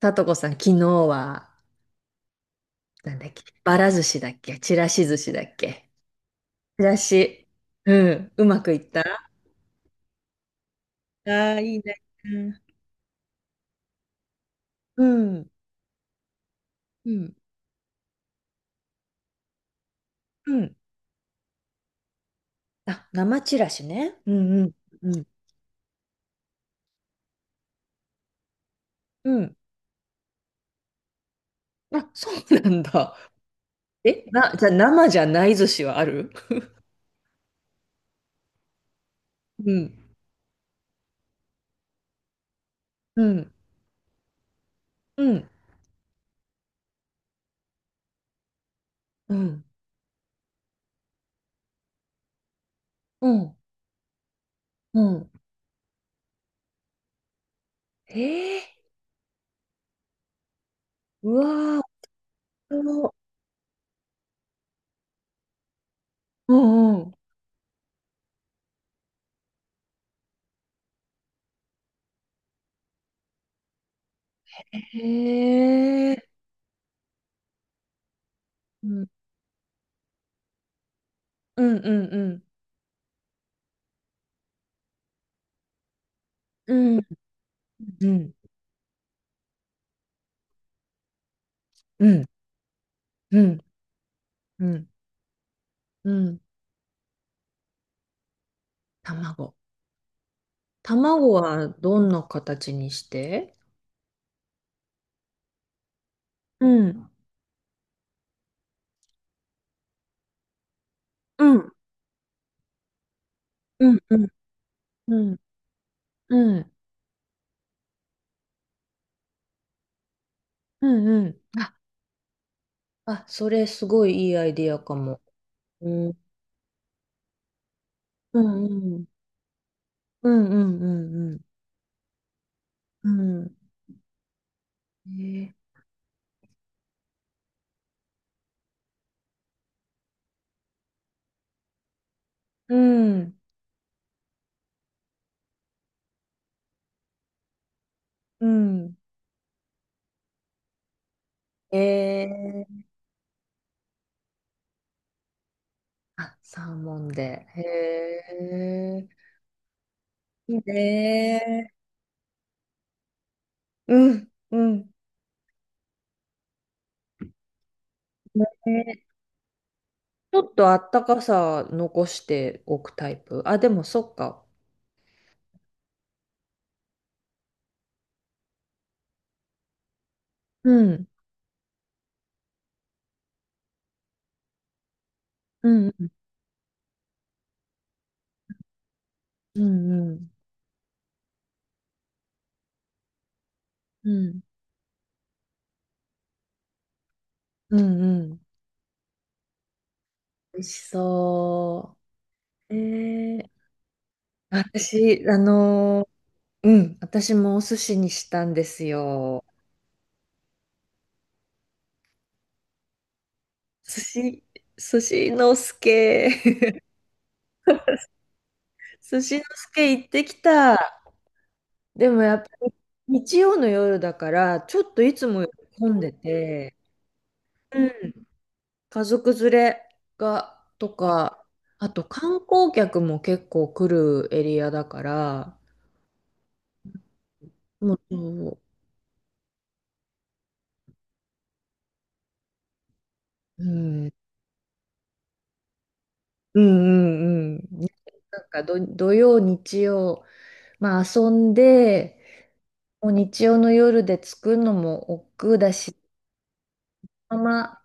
さとこさん、昨日は、なんだっけ、ばら寿司だっけ、ちらし寿司だっけ。ちらし。うん、うまくいったああー。いいね。うん、うん、うん。あ、生ちらしね。うん、うん、うん。うん。あ、そうなんだ。え、じゃあ生じゃない寿司はある？うん、うん、うん、うん、うん、うん。えー、うわー、お、うん、うん。へえ、うん、うん、うん、うん、うん、うん。うんうん、うん、うん。卵。卵はどんな形にして？うん。うん。うん、うん、うん、うん、うん。あ、あ、それすごいいいアイディアかも。うん、うん、うん、うん、うん、うん。うんえー、うん、うん。えー、あ、サーモンで。へえ、いいね。うん、うん。ちょっとあったかさ残しておくタイプ。あ、でもそっか。うん。うん。うん。うん。うん。うんうん、美味しそう。えー、私、あのーうん、私もお寿司にしたんですよ。寿司、寿司の助。寿司の助行ってきた。でもやっぱり日曜の夜だから、ちょっといつもより混んでて、うん、家族連れが、とか、あと観光客も結構来るエリアだから、もう、そう、うん、うんうんうん。なんか、土曜、日曜、まあ遊んで、もう日曜の夜で着くのも億劫だし、まま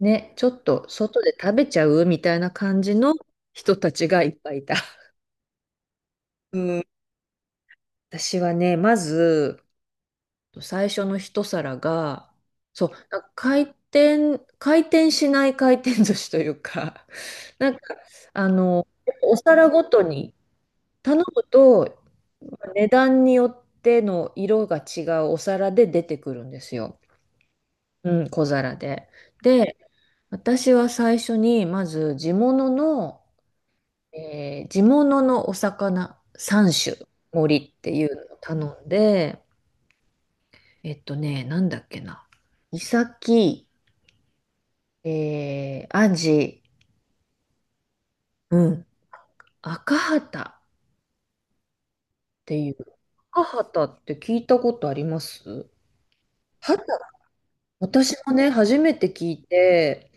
ね、ちょっと外で食べちゃうみたいな感じの人たちがいっぱいいた。うん、私はね、まず、最初の一皿が、そう、なんか回転しない回転寿司というか、なんか、あの、お皿ごとに頼むと、値段によっての色が違うお皿で出てくるんですよ。うん、小皿で。で、私は最初に、まず地物のお魚三種盛りっていうのを頼んで、なんだっけな。イサキ、アジ、うん。赤旗っていう。赤旗って聞いたことあります？旗、私もね、初めて聞いて、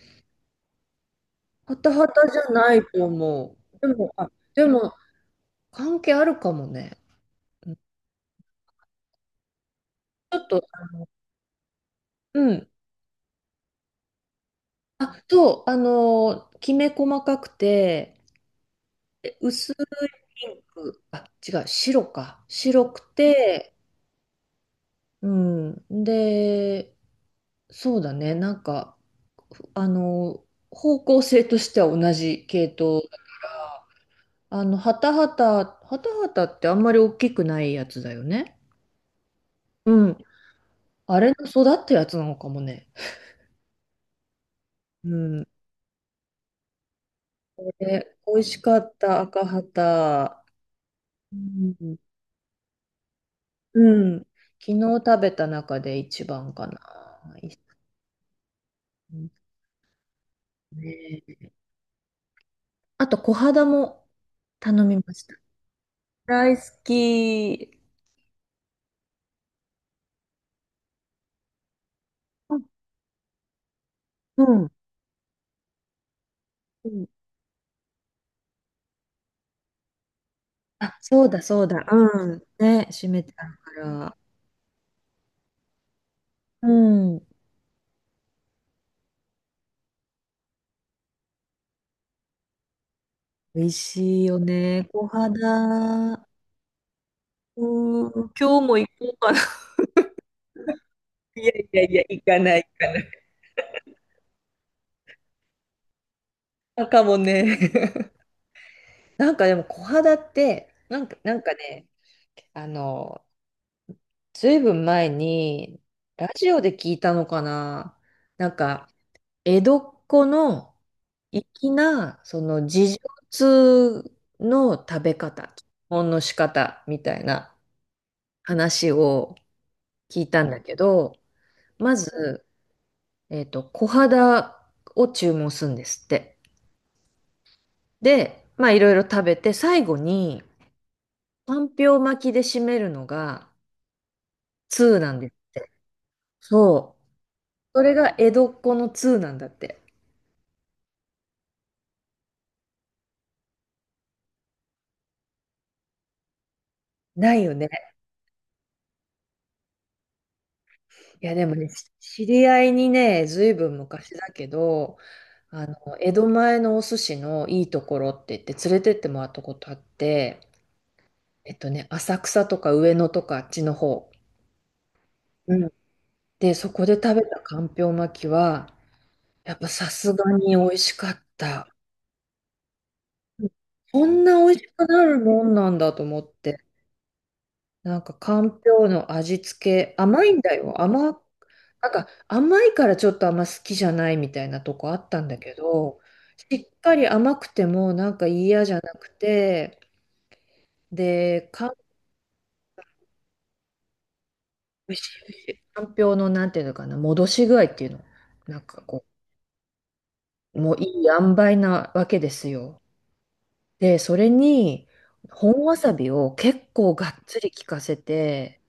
旗旗じゃないと思う。あ、でも、関係あるかもね。うん、ちょっと、うん。あ、そう、きめ細かくて、薄いピンク、あ、違う、白か。白くて、うん。で、そうだね。なんか、ふあの、方向性としては同じ系統。ハタハタ、ハタハタってあんまり大きくないやつだよね。うん。あれの育ったやつなのかもね。うん。で、美味しかった赤ハタ。うん。うん。昨日食べた中で一番かな。いいですね。あと、小肌も頼みました。大好き。あ、うん。あ、そうだそうだ。うん。ね、閉めてあるから。うん。美味しいよね。小肌。うん。今日も行こうかな。いやいやいや、行かない、行かない。あ、かもね。なんかでも小肌って、なんかね、あの、ずいぶん前に、ラジオで聞いたのかな。なんか、江戸っ子の粋な、その自助通の食べ方、基本の仕方みたいな話を聞いたんだけど、まず、小肌を注文するんですって。で、まあいろいろ食べて、最後に、かんぴょう巻きで締めるのが通なんですって。そう。それが江戸っ子の通なんだって。ないよね。いや、でもね、知り合いにね、ずいぶん昔だけど、江戸前のお寿司のいいところって言って連れてってもらったことあって、浅草とか上野とかあっちの方。うん。で、そこで食べたかんぴょう巻きは、やっぱさすがに美味しかった。うん、こんな美味しくなるもんなんだと思って。なんかかんぴょうの味付け、甘いんだよ。なんか甘いからちょっとあんま好きじゃないみたいなとこあったんだけど、しっかり甘くてもなんか嫌じゃなくて、で、かんぴょうのなんていうのかな、戻し具合っていうの、なんかこう、もういい塩梅なわけですよ。で、それに本わさびを結構がっつり効かせて、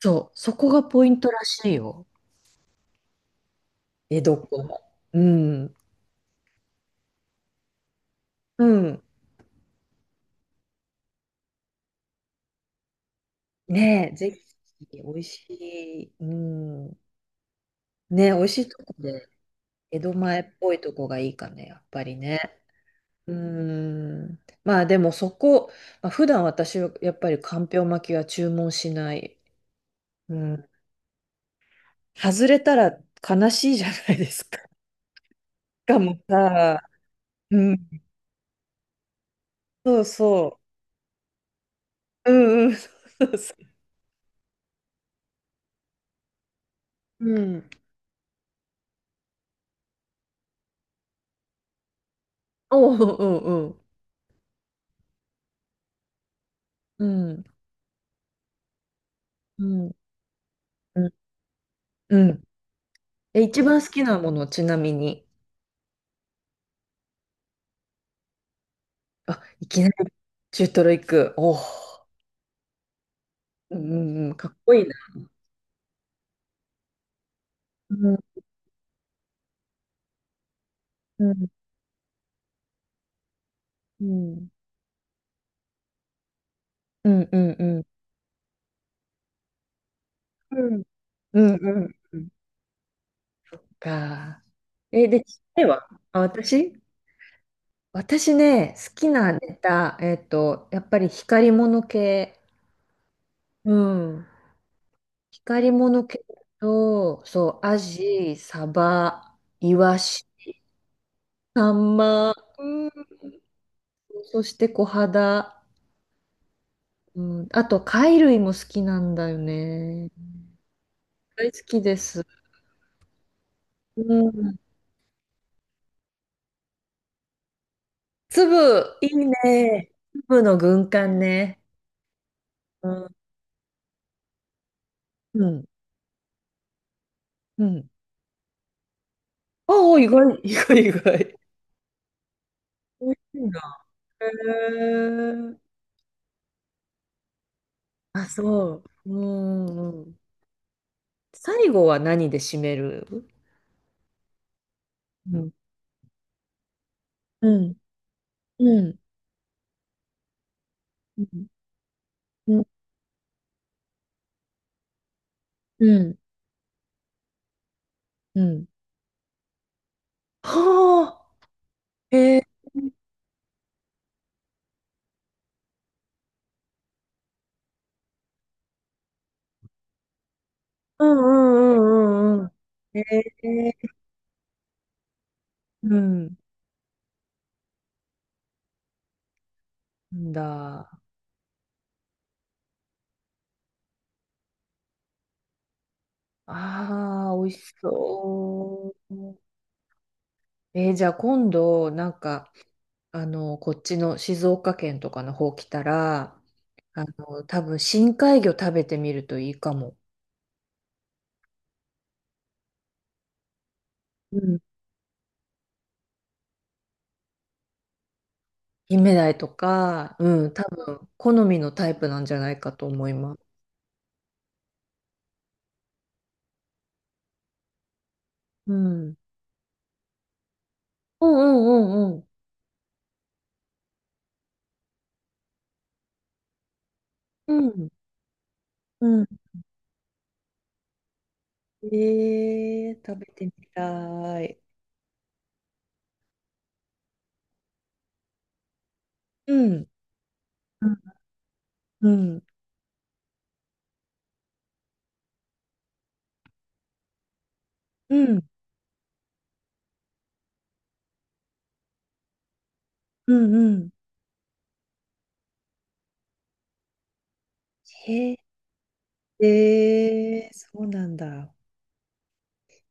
そう、そこがポイントらしいよ。江戸っ子の。うん。うん。ねえ、ぜひ、美味しい。うん。ね、美味しいとこで、江戸前っぽいとこがいいかね、やっぱりね。うーん。まあでもそこ、まあ、普段私はやっぱりかんぴょう巻きは注文しない。うん。外れたら悲しいじゃないですか。しかもさ、うん。そうそう。うんうん。そうそう。うん。おうおうおう。うん。うん。うん。うん。え、一番好きなもの、ちなみに？あ、いきなり中トロ行く。おお。うんうんうん。かっこいいな。うんうん、うん、うん、うん、うん、うん、うん、うんうんか。え、で、ちっちゃいわ。あ、私ね、好きなネタ、やっぱり光り物系。うん。光り物系と、そう、アジ、サバ、イワシ、サンマ、うん、そして小肌。うん、あと、貝類も好きなんだよね。大好きです。うん。粒、いいね。粒の軍艦ね。うん、うん、うん。おお、意外、意外、意外。美味しいな。へえ。あ、そう。うん。うん、最後は何で締める？うん、うん、うん、うん、うん、うん。うん、はあ、へえ、うんうんうんうんうん。へえ、うん、なんだ。ああ、美味しそう。じゃあ今度、なんか、こっちの静岡県とかの方来たら、多分深海魚食べてみるといいかも。うん。キンメダイとか、うん、多分好みのタイプなんじゃないかと思います。うん。うんうんうんうん。うん。うん。えー、食べてみたい。うん。うん。うん。うん。うん。へえ、えー、そうなんだ。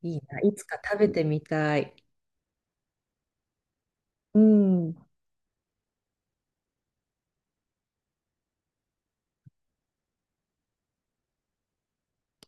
いいな。いつか食べてみたい。うん。